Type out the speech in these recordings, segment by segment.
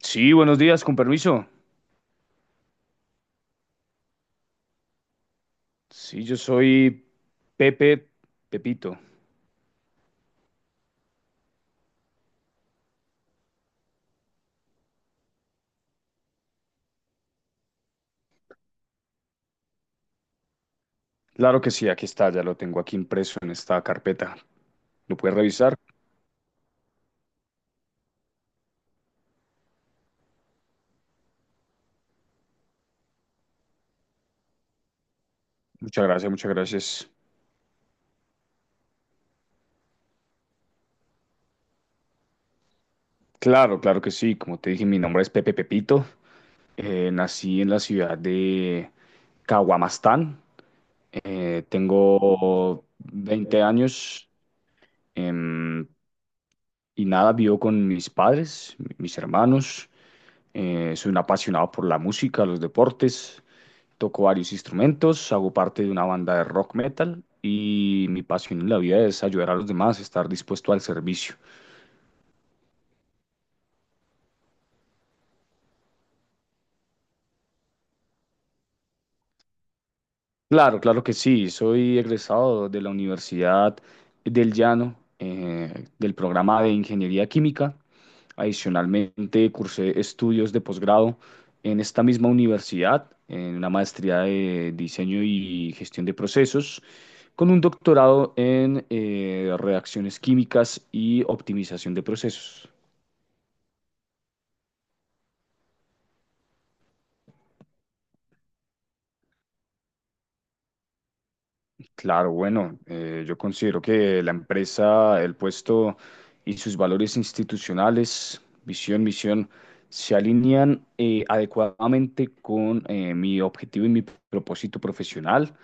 Sí, buenos días, con permiso. Sí, yo soy Pepe Pepito. Claro que sí, aquí está, ya lo tengo aquí impreso en esta carpeta. ¿Lo puedes revisar? Muchas gracias, muchas gracias. Claro, claro que sí. Como te dije, mi nombre es Pepe Pepito. Nací en la ciudad de Caguamastán. Tengo 20 años, em, y nada, vivo con mis padres, mis hermanos. Soy un apasionado por la música, los deportes. Toco varios instrumentos, hago parte de una banda de rock metal y mi pasión en la vida es ayudar a los demás, estar dispuesto al servicio. Claro, claro que sí, soy egresado de la Universidad del Llano, del programa de Ingeniería Química. Adicionalmente, cursé estudios de posgrado en esta misma universidad, en una maestría de diseño y gestión de procesos con un doctorado en reacciones químicas y optimización de procesos. Claro, bueno, yo considero que la empresa, el puesto y sus valores institucionales, visión, misión, se alinean adecuadamente con mi objetivo y mi propósito profesional.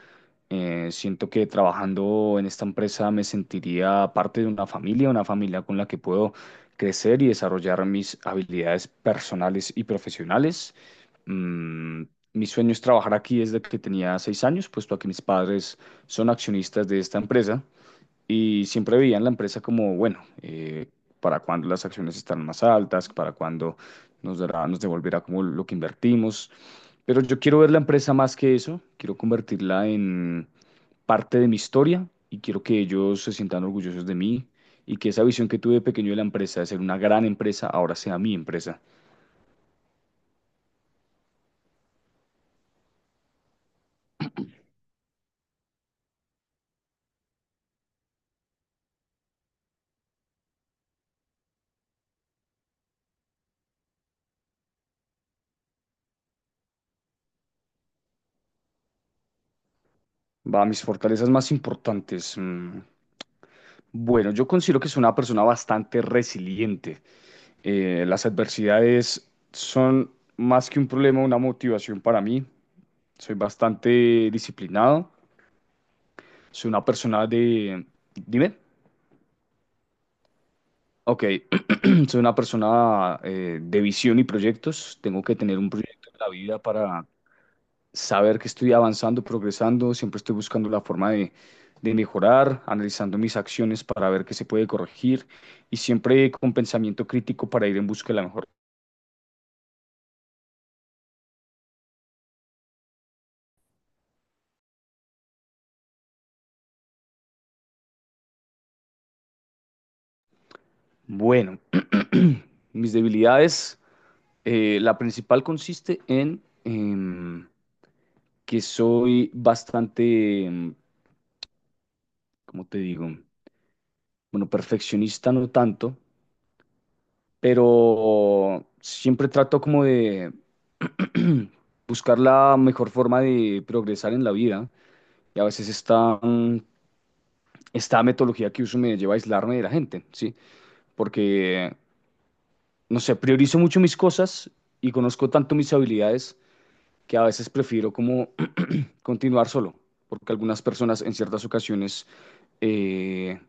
Siento que trabajando en esta empresa me sentiría parte de una familia con la que puedo crecer y desarrollar mis habilidades personales y profesionales. Mm, Mi sueño es trabajar aquí desde que tenía 6 años, puesto a que mis padres son accionistas de esta empresa y siempre veían la empresa como, bueno, para cuando las acciones están más altas, para cuando nos devolverá como lo que invertimos. Pero yo quiero ver la empresa más que eso, quiero convertirla en parte de mi historia y quiero que ellos se sientan orgullosos de mí y que esa visión que tuve de pequeño de la empresa, de ser una gran empresa, ahora sea mi empresa. Va, mis fortalezas más importantes. Mm. Bueno, yo considero que soy una persona bastante resiliente. Las adversidades son más que un problema, una motivación para mí. Soy bastante disciplinado. Soy una persona de... Dime. Ok, soy una persona de visión y proyectos. Tengo que tener un proyecto en la vida para saber que estoy avanzando, progresando, siempre estoy buscando la forma de mejorar, analizando mis acciones para ver qué se puede corregir y siempre con pensamiento crítico para ir en busca de la mejor. Bueno, mis debilidades, la principal consiste en que soy bastante, ¿cómo te digo? Bueno, perfeccionista no tanto, pero siempre trato como de buscar la mejor forma de progresar en la vida y a veces esta metodología que uso me lleva a aislarme de la gente, ¿sí? Porque, no sé, priorizo mucho mis cosas y conozco tanto mis habilidades que a veces prefiero como continuar solo, porque algunas personas en ciertas ocasiones eh,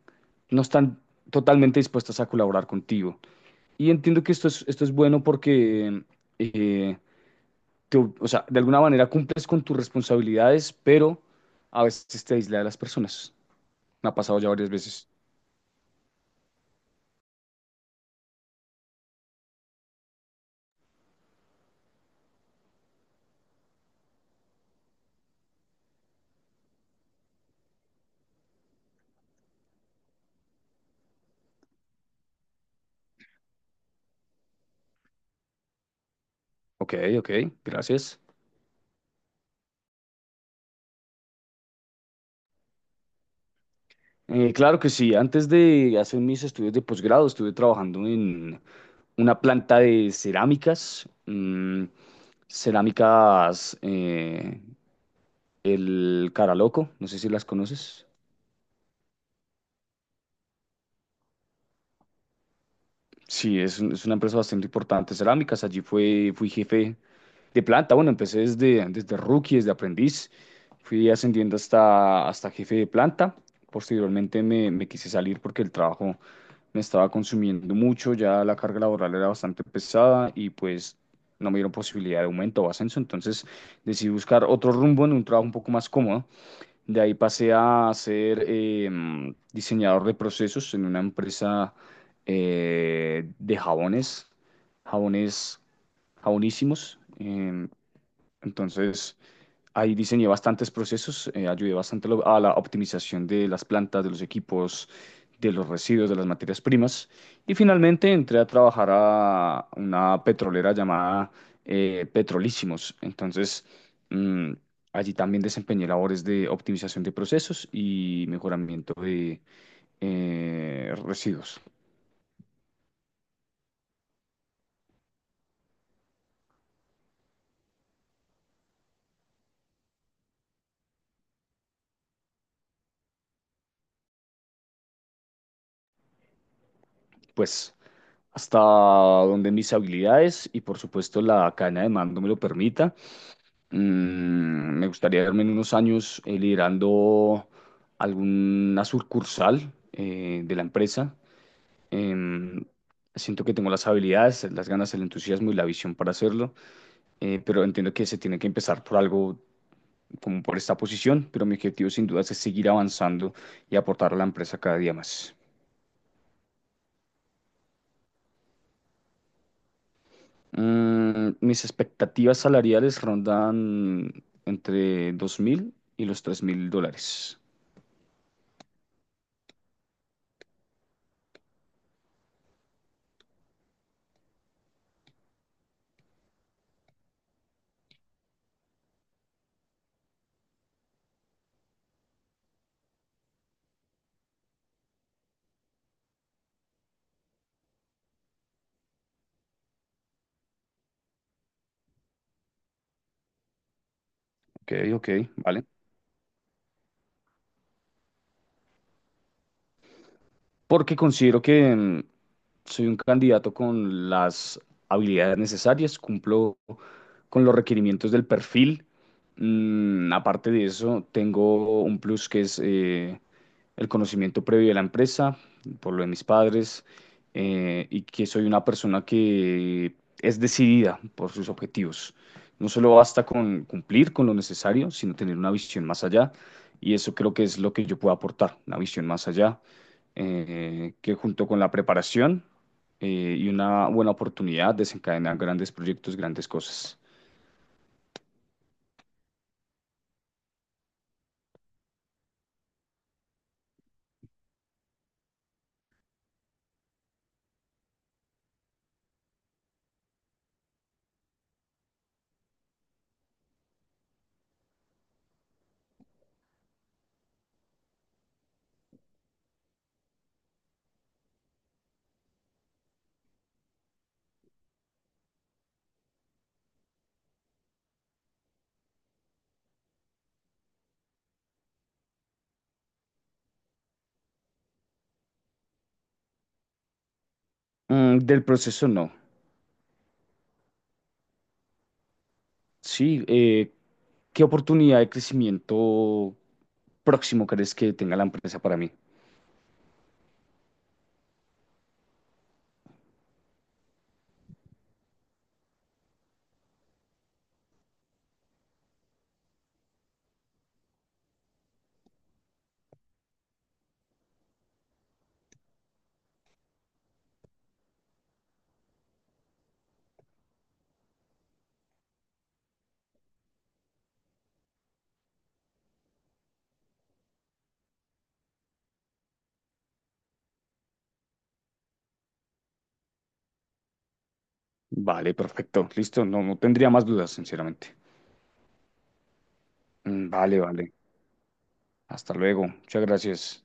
no están totalmente dispuestas a colaborar contigo. Y entiendo que esto es bueno porque, eh, o sea, de alguna manera cumples con tus responsabilidades, pero a veces te aísla de las personas. Me ha pasado ya varias veces. Ok, ok, gracias. Claro que sí, antes de hacer mis estudios de posgrado estuve trabajando en una planta de cerámicas, el Caraloco, no sé si las conoces. Sí, es una empresa bastante importante, cerámicas. Allí fui jefe de planta. Bueno, empecé desde rookie, desde aprendiz. Fui ascendiendo hasta jefe de planta. Posteriormente me quise salir porque el trabajo me estaba consumiendo mucho, ya la carga laboral era bastante pesada y pues no me dieron posibilidad de aumento o ascenso, entonces decidí buscar otro rumbo en un trabajo un poco más cómodo. De ahí pasé a ser diseñador de procesos en una empresa de jabones jabonísimos. Entonces, ahí diseñé bastantes procesos, ayudé bastante a a la optimización de las plantas, de los equipos, de los residuos, de las materias primas. Y finalmente entré a trabajar a una petrolera llamada Petrolísimos. Entonces, mm, allí también desempeñé labores de optimización de procesos y mejoramiento de residuos. Pues hasta donde mis habilidades y por supuesto la cadena de mando me lo permita. Me gustaría verme en unos años liderando alguna sucursal de la empresa. Em, Siento que tengo las habilidades, las ganas, el entusiasmo y la visión para hacerlo, pero entiendo que se tiene que empezar por algo como por esta posición, pero mi objetivo sin duda es seguir avanzando y aportar a la empresa cada día más. Mis expectativas salariales rondan entre 2.000 y los 3.000 dólares. Ok, ok, vale. Porque considero que soy un candidato con las habilidades necesarias, cumplo con los requerimientos del perfil. Aparte de eso, tengo un plus que es el conocimiento previo de la empresa, por lo de mis padres, y que soy una persona que es decidida por sus objetivos. No solo basta con cumplir con lo necesario, sino tener una visión más allá, y eso creo que es lo que yo puedo aportar, una visión más allá que junto con la preparación y una buena oportunidad desencadenan grandes proyectos, grandes cosas. Del proceso no. Sí, ¿qué oportunidad de crecimiento próximo crees que tenga la empresa para mí? Vale, perfecto. Listo, no tendría más dudas, sinceramente. Vale, vale. Hasta luego. Muchas gracias.